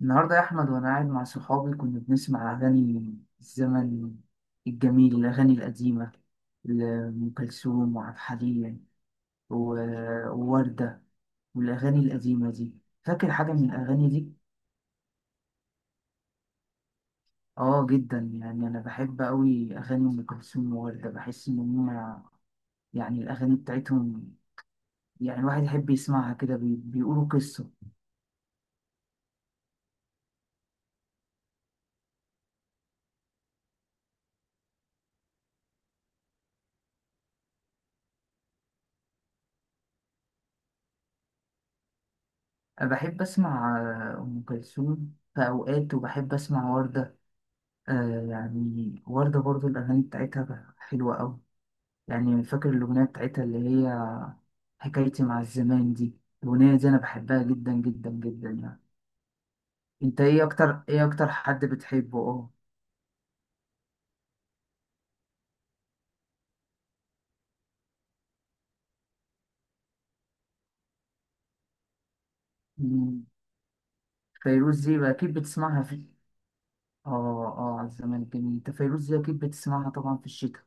النهاردة يا أحمد، وأنا قاعد مع صحابي كنا بنسمع أغاني الزمن الجميل، الأغاني القديمة لأم كلثوم وعبد الحليم و- ووردة والأغاني القديمة دي. فاكر حاجة من الأغاني دي؟ آه جدا، يعني أنا بحب أوي أغاني أم كلثوم ووردة، بحس إن هما يعني الأغاني بتاعتهم يعني الواحد يحب يسمعها كده، بيقولوا قصة. أنا بحب أسمع آه، أم كلثوم في أوقات، وبحب أسمع وردة. آه يعني وردة برضو الأغاني بتاعتها حلوة أوي. يعني فاكر الأغنية بتاعتها اللي هي حكايتي مع الزمان دي؟ الأغنية دي أنا بحبها جدا جدا جدا يعني. أنت إيه أكتر، إيه أكتر حد بتحبه؟ أه. مم. فيروز دي بقى أكيد بتسمعها في... أه أه، على الزمان الجميل. أنت فيروز دي أكيد بتسمعها طبعا في الشتاء.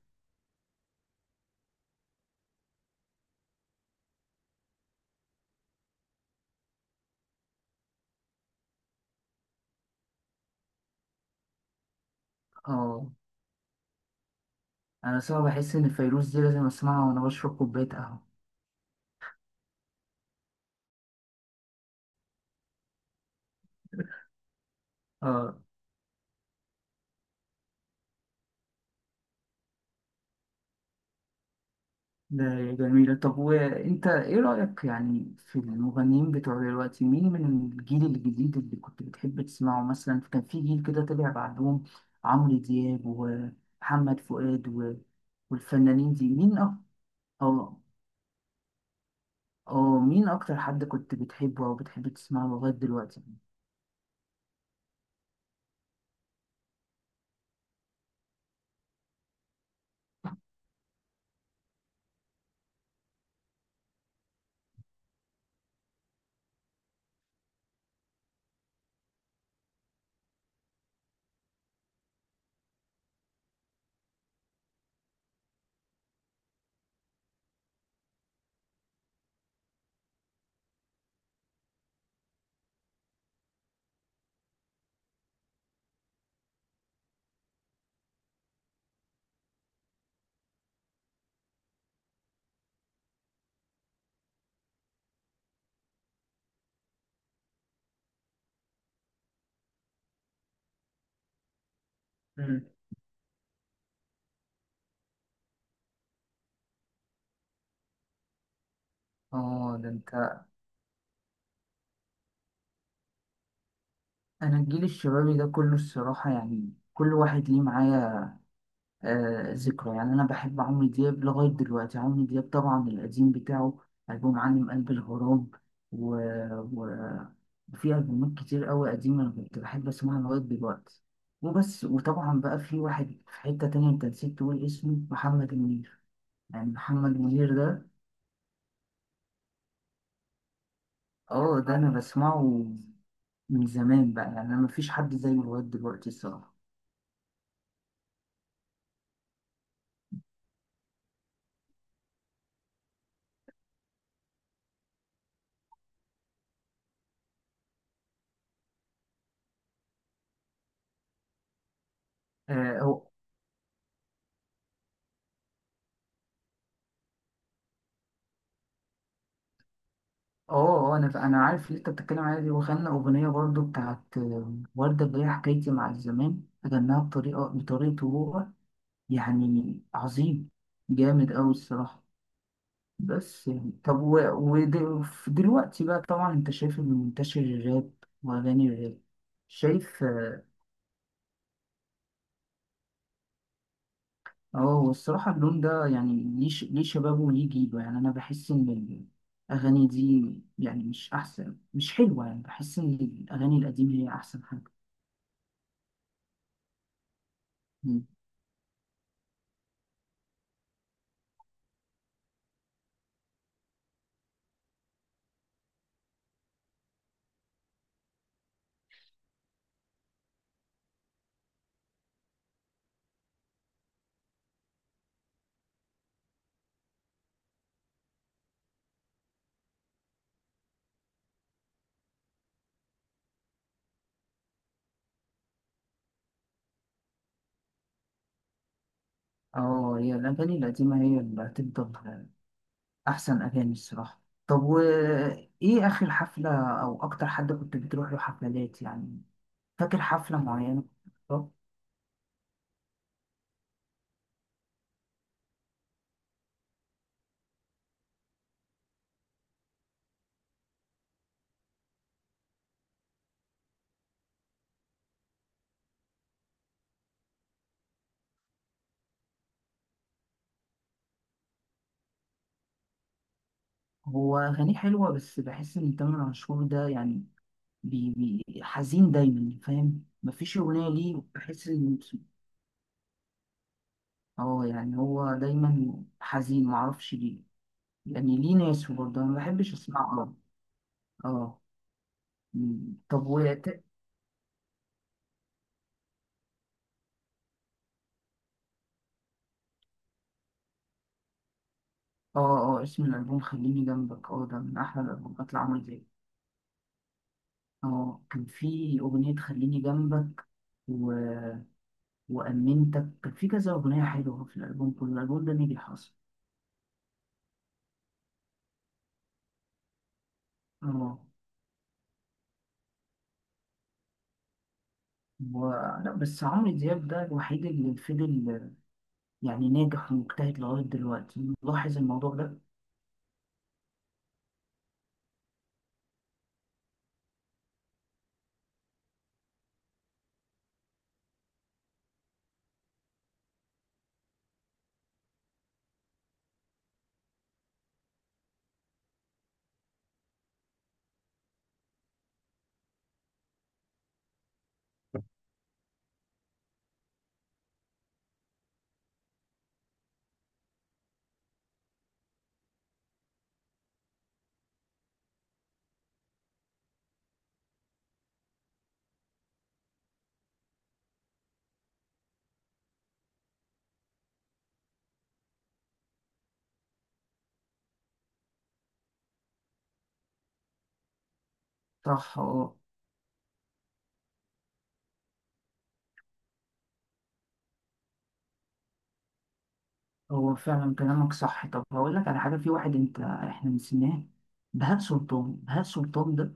أه أنا صعب بحس إن فيروز دي لازم أسمعها وأنا بشرب كوباية قهوة أه. ده جميلة. طب وانت ايه رأيك يعني في المغنيين بتوع دلوقتي؟ مين من الجيل الجديد اللي كنت بتحب تسمعه؟ مثلا كان في جيل كده طلع بعدهم، عمرو دياب ومحمد فؤاد والفنانين دي. أو... مين أكتر حد كنت بتحبه أو بتحب تسمعه لغاية دلوقتي؟ مم. اه. ده انت. انا الجيل الشبابي ده كله الصراحة، يعني كل واحد ليه معايا آه، ذكرى. يعني أنا بحب عمرو دياب لغاية دلوقتي، عمرو دياب طبعا القديم بتاعه، ألبوم عالم قلب الغراب و... و... وفي ألبومات كتير قوي قديمة أنا كنت بحب أسمعها لغاية دلوقتي. وبس. وطبعا بقى في واحد في حتة تانية أنت نسيت تقول اسمه، محمد منير. يعني محمد منير ده، اه ده أنا بسمعه من زمان بقى. يعني أنا مفيش حد زيه لغاية دلوقتي الصراحة. آه، هو. انا عارف اللي انت بتتكلم عليها دي، وغنى اغنيه برضو بتاعت آه، ورده، اللي هي حكايتي مع الزمان، غناها بطريقته هو. يعني عظيم، جامد قوي الصراحه. بس يعني طب ودلوقتي بقى طبعا انت شايف اللي منتشر، الراب واغاني الراب. شايف؟ اه. اه، هو الصراحه اللون ده يعني ليه ليه شبابه وليه جيله. يعني انا بحس ان الاغاني دي يعني مش احسن، مش حلوه. يعني بحس ان الاغاني القديمه هي احسن حاجه. اه، هي الأغاني القديمة هي اللي هتفضل أحسن أغاني الصراحة. طب وإيه آخر حفلة أو أكتر حد كنت بتروح له حفلات يعني؟ فاكر حفلة معينة؟ طب، هو أغانيه حلوة، بس بحس إن تامر عاشور ده يعني بي حزين دايما، فاهم؟ مفيش أغنية ليه بحس إن... اه يعني هو دايما حزين معرفش ليه. يعني ليه ناس برضه، أنا مبحبش أسمعه. اه. مم. طب. اه اه، اسم الألبوم خليني جنبك. اه ده من أحلى الألبومات اللي عملت دي. اه كان في أغنية خليني جنبك و... وأمنتك، كان في كذا أغنية حلوة في الألبوم كله. الألبوم ده نجح أصلا. اه. و... لا بس عمرو دياب ده الوحيد اللي فضل يعني ناجح ومجتهد لغاية دلوقتي، ملاحظ الموضوع ده؟ صح. اه، هو فعلا كلامك صح. طب هقول لك على حاجة، في واحد أنت إحنا نسيناه، بهاء سلطان. بهاء سلطان ده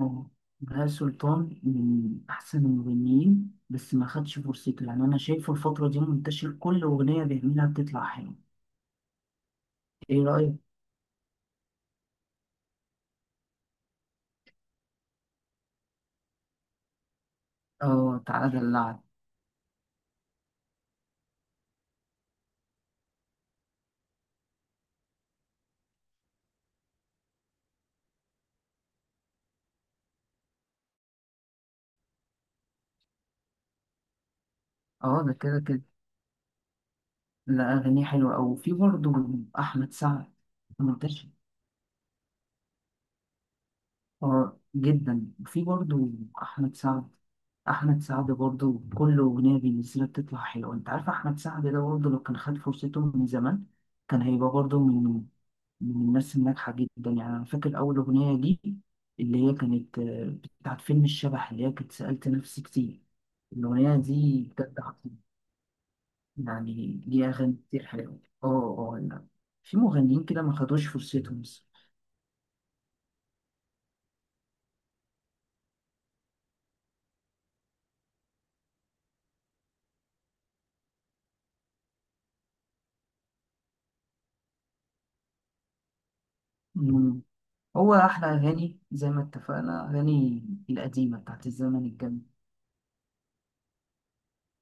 هو، بهاء سلطان من أحسن المغنيين، بس ما خدش فرصته. يعني أنا شايفه الفترة دي منتشر، كل أغنية بيعملها بتطلع حلوة. إيه رأيك؟ آه تعالى دلعك. آه ده كده كده. لا أغانيه حلوة أوي. وفي برضه أحمد سعد، منتشر. آه جدا. وفي برضه أحمد سعد، أحمد سعد برضه كل أغنية بينزلها بتطلع حلوة. أنت عارف أحمد سعد ده برضه لو كان خد فرصته من زمان كان هيبقى برضه من الناس الناجحة جدا. يعني أنا فاكر أول أغنية دي اللي هي كانت آه، بتاعت فيلم الشبح، اللي هي كانت سألت نفسي كتير. الأغنية دي بجد عظيمة. يعني ليها أغاني كتير حلوة اه. اه لا، في مغنيين كده ما خدوش فرصتهم الصراحة. مم. هو أحلى أغاني زي ما اتفقنا، أغاني القديمة بتاعت الزمن الجميل.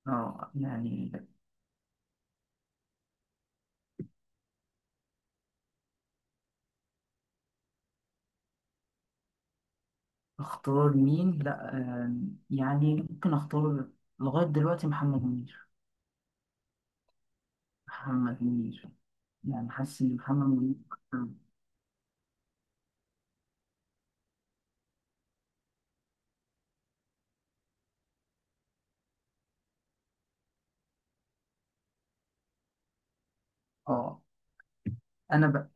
اه يعني. اختار مين؟ لا آه، يعني ممكن اختار لغاية دلوقتي محمد منير. محمد منير. يعني حاسس ان محمد منير أكتر-. اه. انا ب...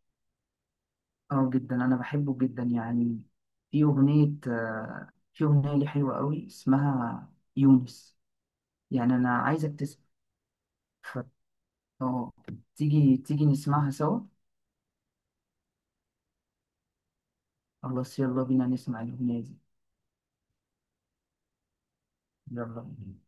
اه جدا انا بحبه جدا يعني. في اغنيه آه، في اغنيه لي حلوه قوي اسمها يونس، يعني انا عايزك تسمع. ف... اه، تيجي نسمعها سوا. خلاص يلا بينا نسمع الاغنيه دي. يلا بينا.